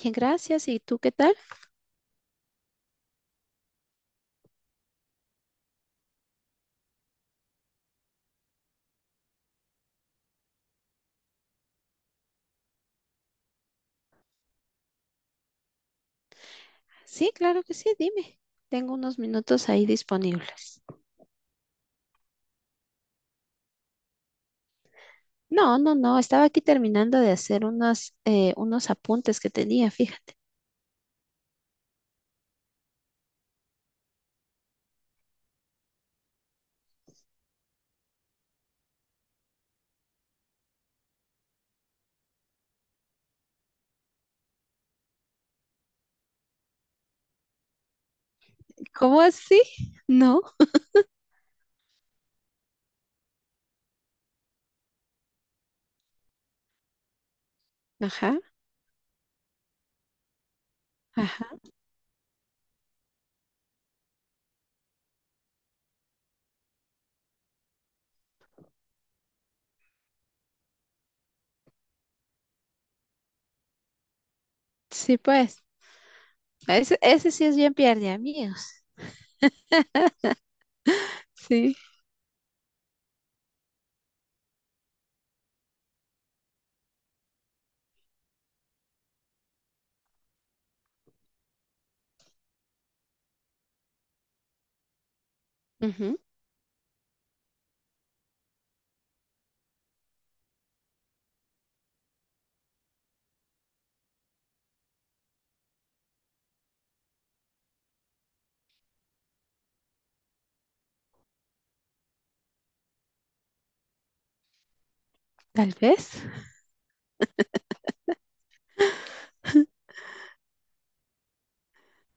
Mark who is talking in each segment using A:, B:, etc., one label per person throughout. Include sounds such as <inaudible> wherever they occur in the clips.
A: Bien, gracias. ¿Y tú qué tal? Sí, claro que sí, dime. Tengo unos minutos ahí disponibles. No, no, no, estaba aquí terminando de hacer unos, unos apuntes que tenía, fíjate. ¿Cómo así? <laughs> No. Ajá, ajá. Sí, pues. Ese sí es bien pierde amigos. Sí. Ujú. Tal vez.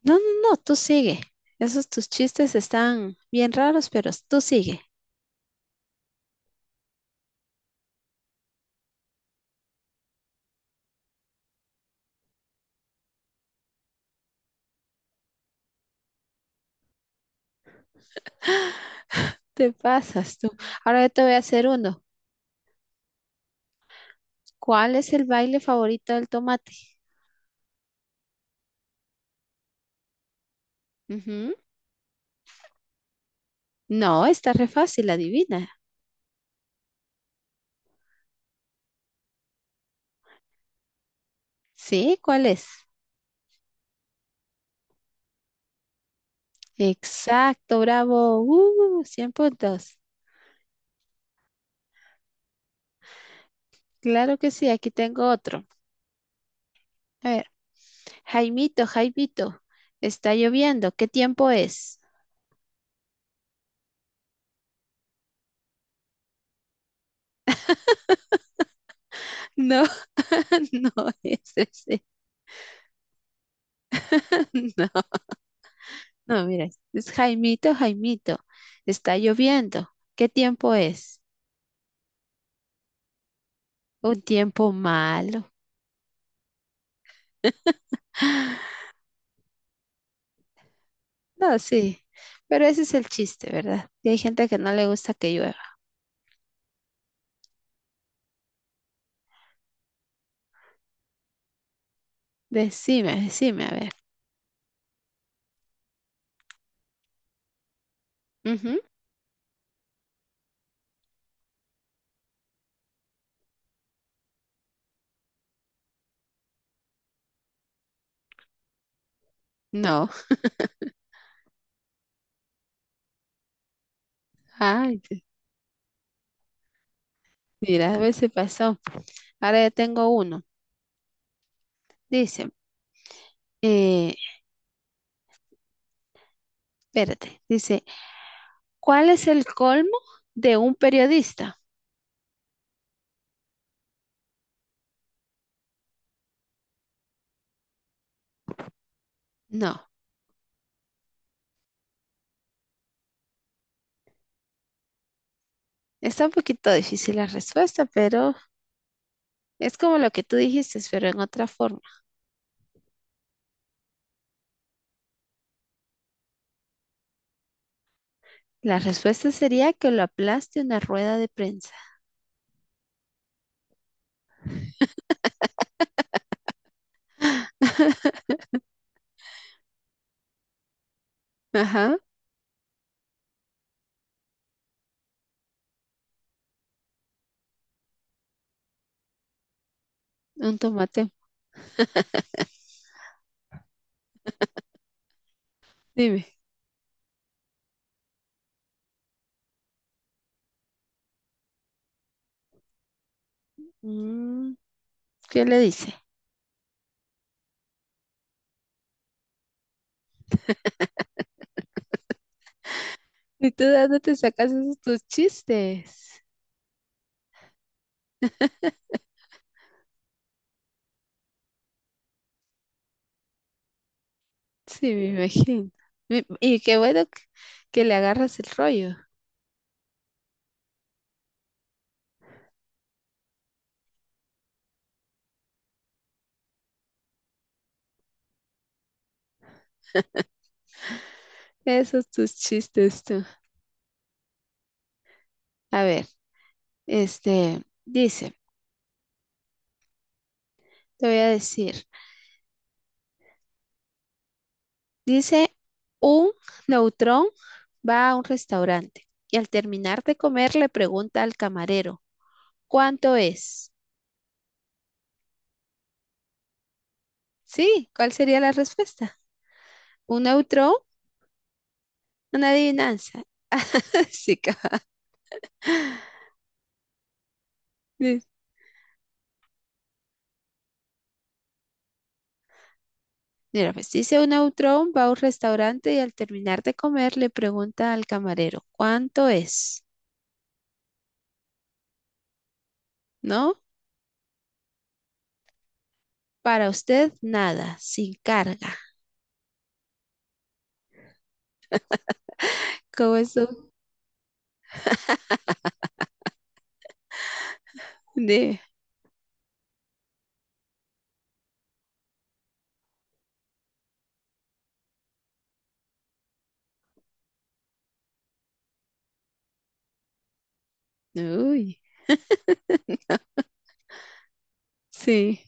A: No, no, no, tú sigue. Esos tus chistes están bien raros, pero tú sigue. Te pasas tú. Ahora yo te voy a hacer uno. ¿Cuál es el baile favorito del tomate? Ujú. No, está re fácil, adivina. ¿Sí? ¿Cuál es? Exacto, bravo. 100 puntos. Claro que sí, aquí tengo otro. A ver, Jaimito, Jaimito, está lloviendo. ¿Qué tiempo es? <laughs> No, <laughs> no es ese. <laughs> No, no, mira, es Jaimito, Jaimito, está lloviendo. ¿Qué tiempo es? Un tiempo malo. <gasps> No, sí, pero ese es el chiste, ¿verdad? Que hay gente que no le gusta que llueva. Decime, decime, a ver. Ujú. No. <laughs> Ay, te- mira, a ver si pasó. Ahora ya tengo uno. Dice, eh, espérate. Dice, ¿cuál es el colmo de un periodista? No. Está un poquito difícil la respuesta, pero es como lo que tú dijiste, pero en otra forma. La respuesta sería que lo aplaste una rueda de prensa. Ajá, un tomate. Dime. Mm, ¿qué le dice? ¿Y tú de dónde te sacas esos tus chistes? Sí, me imagino. Mi- Y qué bueno que le agarras el rollo. Esos tus chistes tú. A ver, este, dice, te voy a decir, dice, un neutrón va a un restaurante y al terminar de comer le pregunta al camarero, ¿cuánto es? Sí, ¿cuál sería la respuesta? Un neutrón, una adivinanza. <laughs> Sí, cabal. Mira, pues dice un autrón, va a un restaurante y al terminar de comer le pregunta al camarero, ¿cuánto es? ¿No? Para usted nada, sin carga. ¿Cómo eso de... Uy, sí,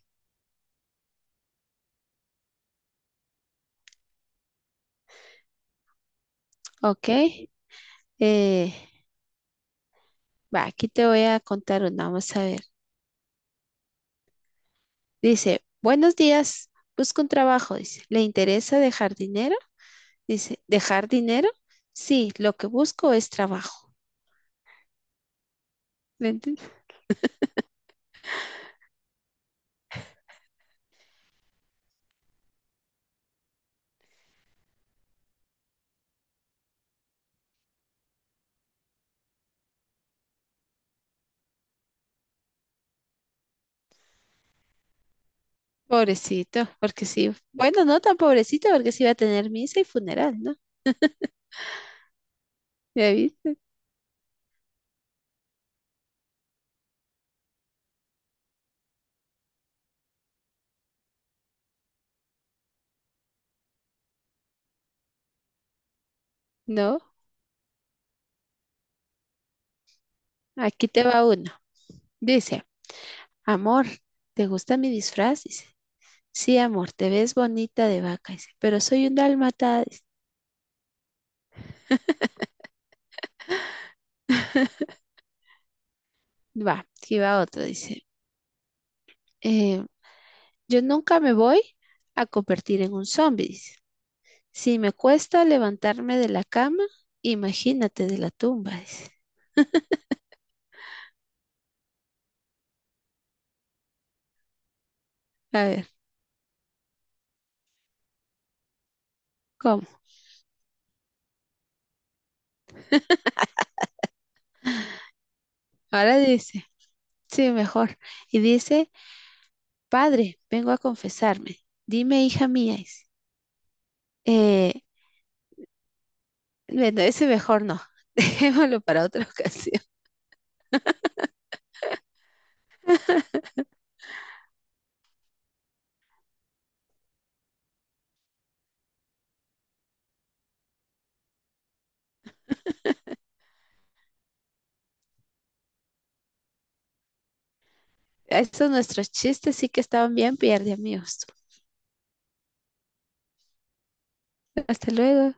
A: ok. Eh, Va, aquí te voy a contar una, vamos a ver. Dice, buenos días, busco un trabajo, dice, ¿le interesa dejar dinero? Dice, ¿dejar dinero? Sí, lo que busco es trabajo. Pobrecito, porque sí. Bueno, no tan pobrecito, porque sí va a tener misa y funeral, ¿no? David, no. Aquí te va uno. Dice, amor, ¿te gusta mi disfraz? Dice, sí, amor, te ves bonita de vaca, dice, pero soy un dálmata. Dice. <laughs> Va, aquí va otro, dice. eh, yo nunca me voy a convertir en un zombie, dice. Si me cuesta levantarme de la cama, imagínate de la tumba, dice. A ver, ¿cómo? Ahora dice, sí, mejor. Y dice, Padre, vengo a confesarme. Dime, hija mía. Dice. Eh, bueno, ese mejor no. <laughs> Dejémoslo para otra <laughs> ocasión. Estos nuestros chistes sí que estaban bien pierde, amigos. Hasta luego.